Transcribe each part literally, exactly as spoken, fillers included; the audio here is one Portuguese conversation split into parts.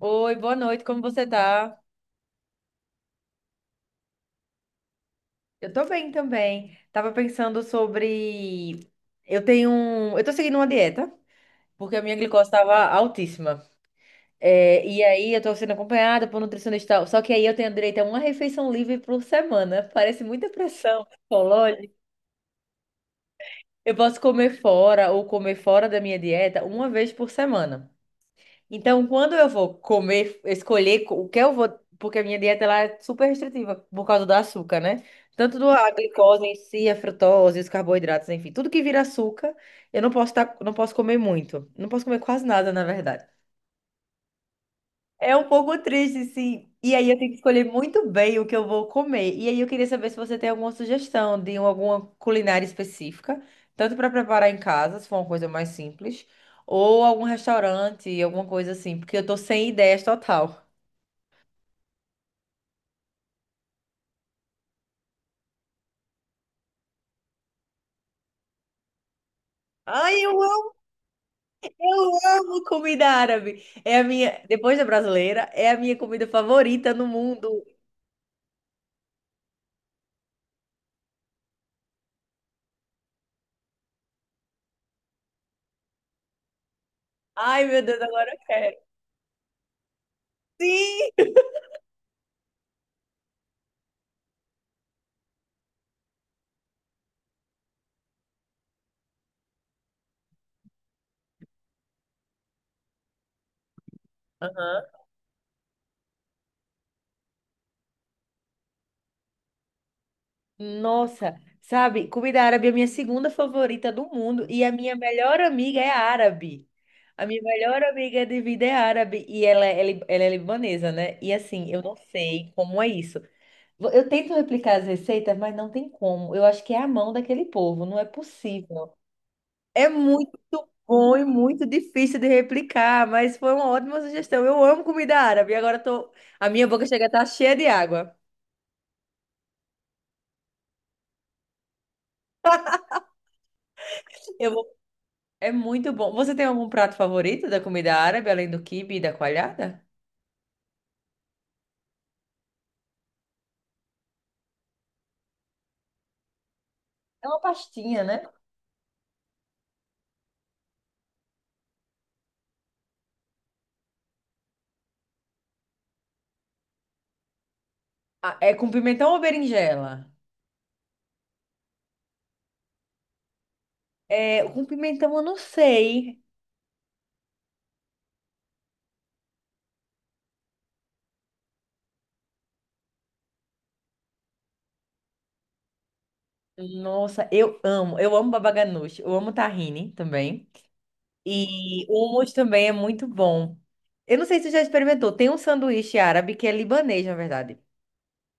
Oi, boa noite, como você tá? Eu tô bem também. Tava pensando sobre. Eu tenho. um- Eu tô seguindo uma dieta, porque a minha glicose estava altíssima. É, e aí eu tô sendo acompanhada por nutricionista. Só que aí eu tenho direito a uma refeição livre por semana. Parece muita pressão psicológica. Eu posso comer fora ou comer fora da minha dieta uma vez por semana. Então, quando eu vou comer, escolher co- o que eu vou, porque a minha dieta ela é super restritiva por causa do açúcar, né? Tanto do a glicose em si, a frutose, os carboidratos, enfim, tudo que vira açúcar, eu não posso tá, não posso comer muito. Não posso comer quase nada, na verdade. É um pouco triste, sim. E aí eu tenho que escolher muito bem o que eu vou comer. E aí eu queria saber se você tem alguma sugestão de um, alguma culinária específica, tanto para preparar em casa, se for uma coisa mais simples, ou algum restaurante, alguma coisa assim, porque eu tô sem ideias total. Ai, eu amo, eu amo comida árabe. É a minha, depois da brasileira, é a minha comida favorita no mundo. Ai, meu Deus, agora eu quero. Sim! Aham. Nossa, sabe, comida árabe é a minha segunda favorita do mundo e a minha melhor amiga é árabe. A minha melhor amiga de vida é árabe e ela, é li- ela é libanesa, né? E assim, eu não sei como é isso. Vo- Eu tento replicar as receitas, mas não tem como. Eu acho que é a mão daquele povo, não é possível. É muito bom e muito difícil de replicar, mas foi uma ótima sugestão. Eu amo comida árabe, agora tô, a minha boca chega a estar cheia de água. Eu vou É muito bom. Você tem algum prato favorito da comida árabe, além do quibe e da coalhada? É uma pastinha, né? Ah, é com pimentão ou berinjela? É, com pimentão eu não sei. Nossa, eu amo. Eu amo baba ganoush. Eu amo tahine também. E hummus também é muito bom. Eu não sei se você já experimentou. Tem um sanduíche árabe que é libanês, na verdade.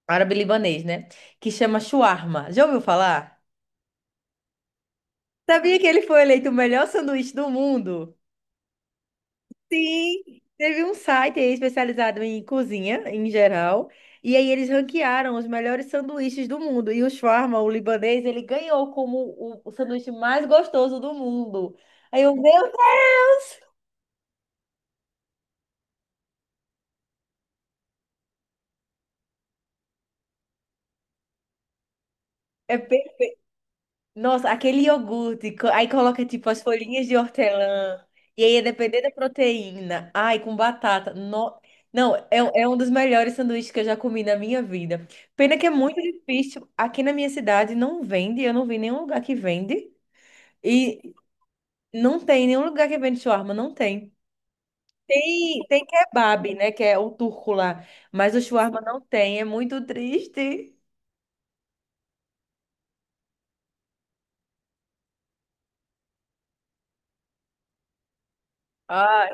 Árabe-libanês, né? Que chama shawarma. Já ouviu falar? Sabia que ele foi eleito o melhor sanduíche do mundo? Sim, teve um site aí especializado em cozinha, em geral, e aí eles ranquearam os melhores sanduíches do mundo. E o shawarma, o libanês, ele ganhou como o, o sanduíche mais gostoso do mundo. Aí eu, meu Deus, é per- nossa, aquele iogurte, co- aí coloca tipo as folhinhas de hortelã, e aí é depender da proteína, ai, com batata. No. Não, é, um- é um dos melhores sanduíches que eu já comi na minha vida. Pena que é muito difícil. Aqui na minha cidade não vende, eu não vi nenhum lugar que vende. E não tem nenhum lugar que vende shawarma, não tem. Tem, tem kebab, né? Que é o turco lá. Mas o shawarma não tem, é muito triste. Ai,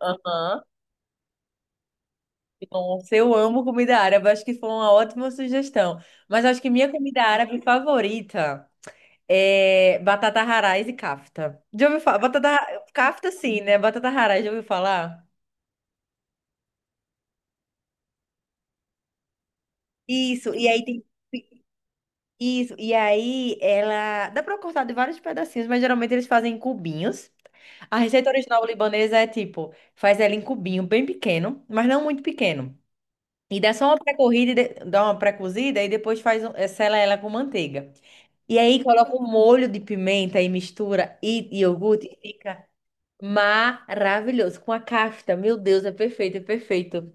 aham. Nossa, eu amo comida árabe, acho que foi uma ótima sugestão. Mas acho que minha comida árabe favorita é batata haraz e kafta. Já ouviu falar? Batata. Kafta sim, né? Batata haraz, já ouviu falar? Isso, e aí tem Isso, e aí ela. Dá pra cortar de vários pedacinhos, mas geralmente eles fazem em cubinhos. A receita original libanesa é tipo, faz ela em cubinho bem pequeno, mas não muito pequeno. E dá só uma pré-corrida, e de- dá uma pré-cozida e depois faz, um- eh, sela ela com manteiga. E aí coloca um molho de pimenta e mistura e e iogurte e fica maravilhoso. Com a cafta, meu Deus, é perfeito, é perfeito.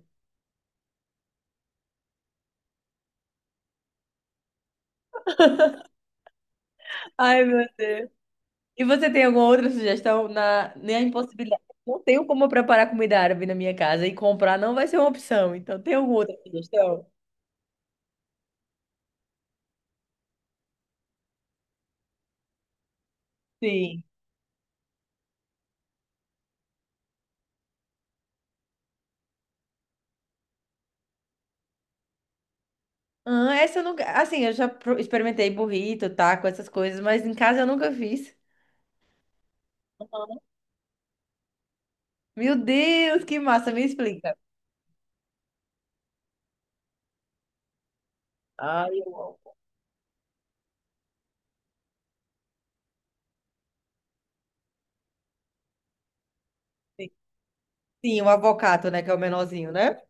Ai, meu. E você tem alguma outra sugestão na, na impossibilidade? Não tenho como preparar comida árabe na minha casa e comprar não vai ser uma opção. Então, tem alguma outra sugestão? Sim. Ah, essa eu nunca. Assim, eu já pro- experimentei burrito, taco, essas coisas, mas em casa eu nunca fiz. Meu Deus, que massa! Me explica. Ai, eu amo. Sim, o avocado, né? Que é o menorzinho, né?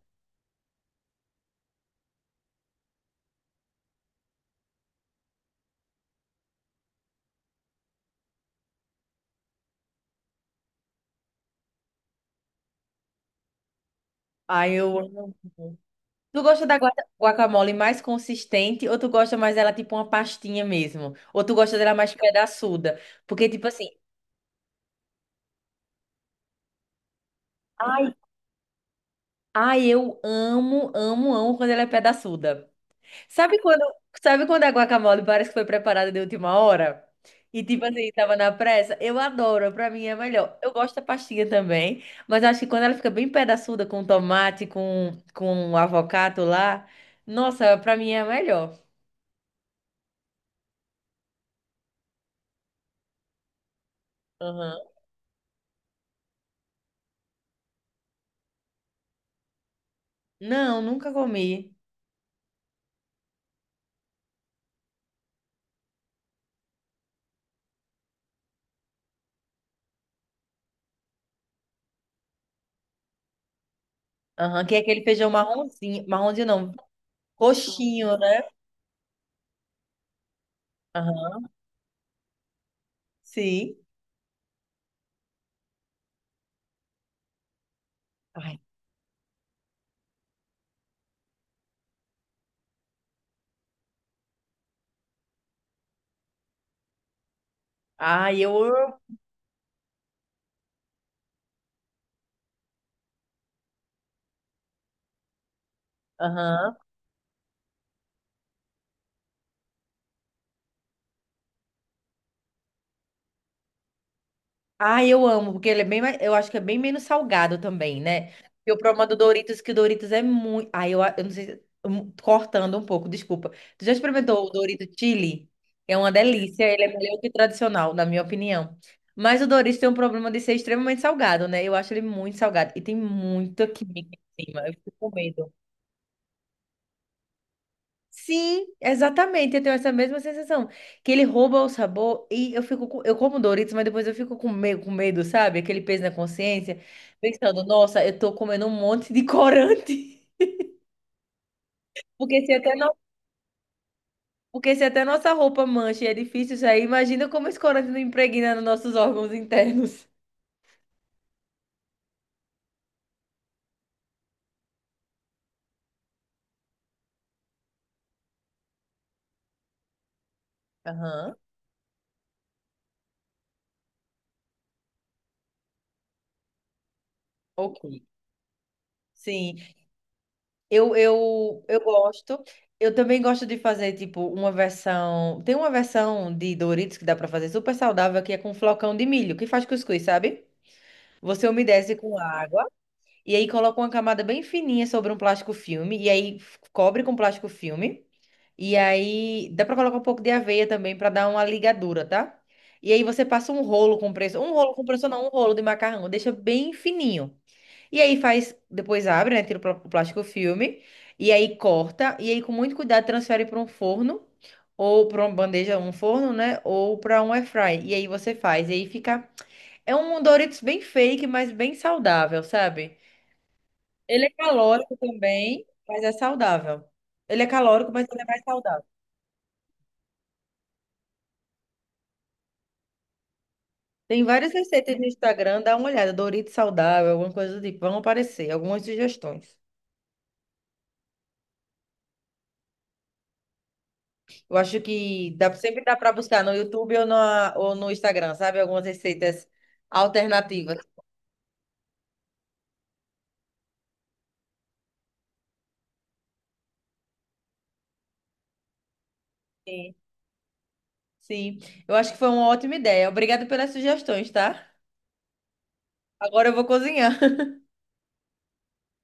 Ai, eu amo. Tu gosta da guaca- guacamole mais consistente ou tu gosta mais dela tipo uma pastinha mesmo? Ou tu gosta dela mais pedaçuda? Porque, tipo assim. Ai, eu amo, amo, amo quando ela é pedaçuda. Sabe quando, sabe quando a guacamole parece que foi preparada de última hora? E tipo assim, tava na pressa? Eu adoro, pra mim é melhor. Eu gosto da pastinha também, mas acho que quando ela fica bem pedaçuda com tomate, com, com avocado lá, nossa, pra mim é melhor. Aham. Não, nunca comi. Aham, que é aquele feijão marronzinho, marronzinho não, roxinho, né? Aham, sim. Ai, ai, eu amo. Aham. Ah, eu amo, porque ele é bem mais, eu acho que é bem menos salgado também, né? E o problema do Doritos, que o Doritos é muito. Ah, eu, a- eu não sei. Se- hum, Cortando um pouco, desculpa. Tu já experimentou o Dorito Chili? É uma delícia, ele é melhor que o tradicional, na minha opinião. Mas o Doritos tem um problema de ser extremamente salgado, né? Eu acho ele muito salgado. E tem muita química em cima. Eu fico com medo. Sim, exatamente. Eu tenho essa mesma sensação. Que ele rouba o sabor e eu fico com- eu como Doritos, mas depois eu fico com medo, com medo, sabe? Aquele peso na consciência, pensando, nossa, eu tô comendo um monte de corante. Porque se até não, porque se até nossa roupa mancha e é difícil sair, imagina como esse corante não impregna nos nossos órgãos internos. Aham. Ok. Sim. Eu, eu, eu gosto. Eu também gosto de fazer, tipo, uma versão. Tem uma versão de Doritos que dá pra fazer super saudável, que é com flocão de milho, que faz cuscuz, sabe? Você umedece com água e aí coloca uma camada bem fininha sobre um plástico filme e aí f- cobre com plástico filme. E aí dá pra colocar um pouco de aveia também pra dar uma ligadura, tá? E aí você passa um rolo compressor, um rolo compressor não, um rolo de macarrão, deixa bem fininho. E aí faz, depois abre, né? Tira o plá- o plástico filme. E aí corta. E aí, com muito cuidado, transfere para um forno. Ou para uma bandeja, um forno, né? Ou para um air fry. E aí você faz. E aí fica. É um Doritos bem fake, mas bem saudável, sabe? Ele é calórico também, mas é saudável. Ele é calórico, mas ele é mais saudável. Tem várias receitas no Instagram, dá uma olhada. Doritos saudável, alguma coisa do tipo. Vão aparecer algumas sugestões. Eu acho que dá, sempre dá para buscar no YouTube ou, na, ou no Instagram, sabe? Algumas receitas alternativas. Sim. Sim, eu acho que foi uma ótima ideia. Obrigada pelas sugestões, tá? Agora eu vou cozinhar.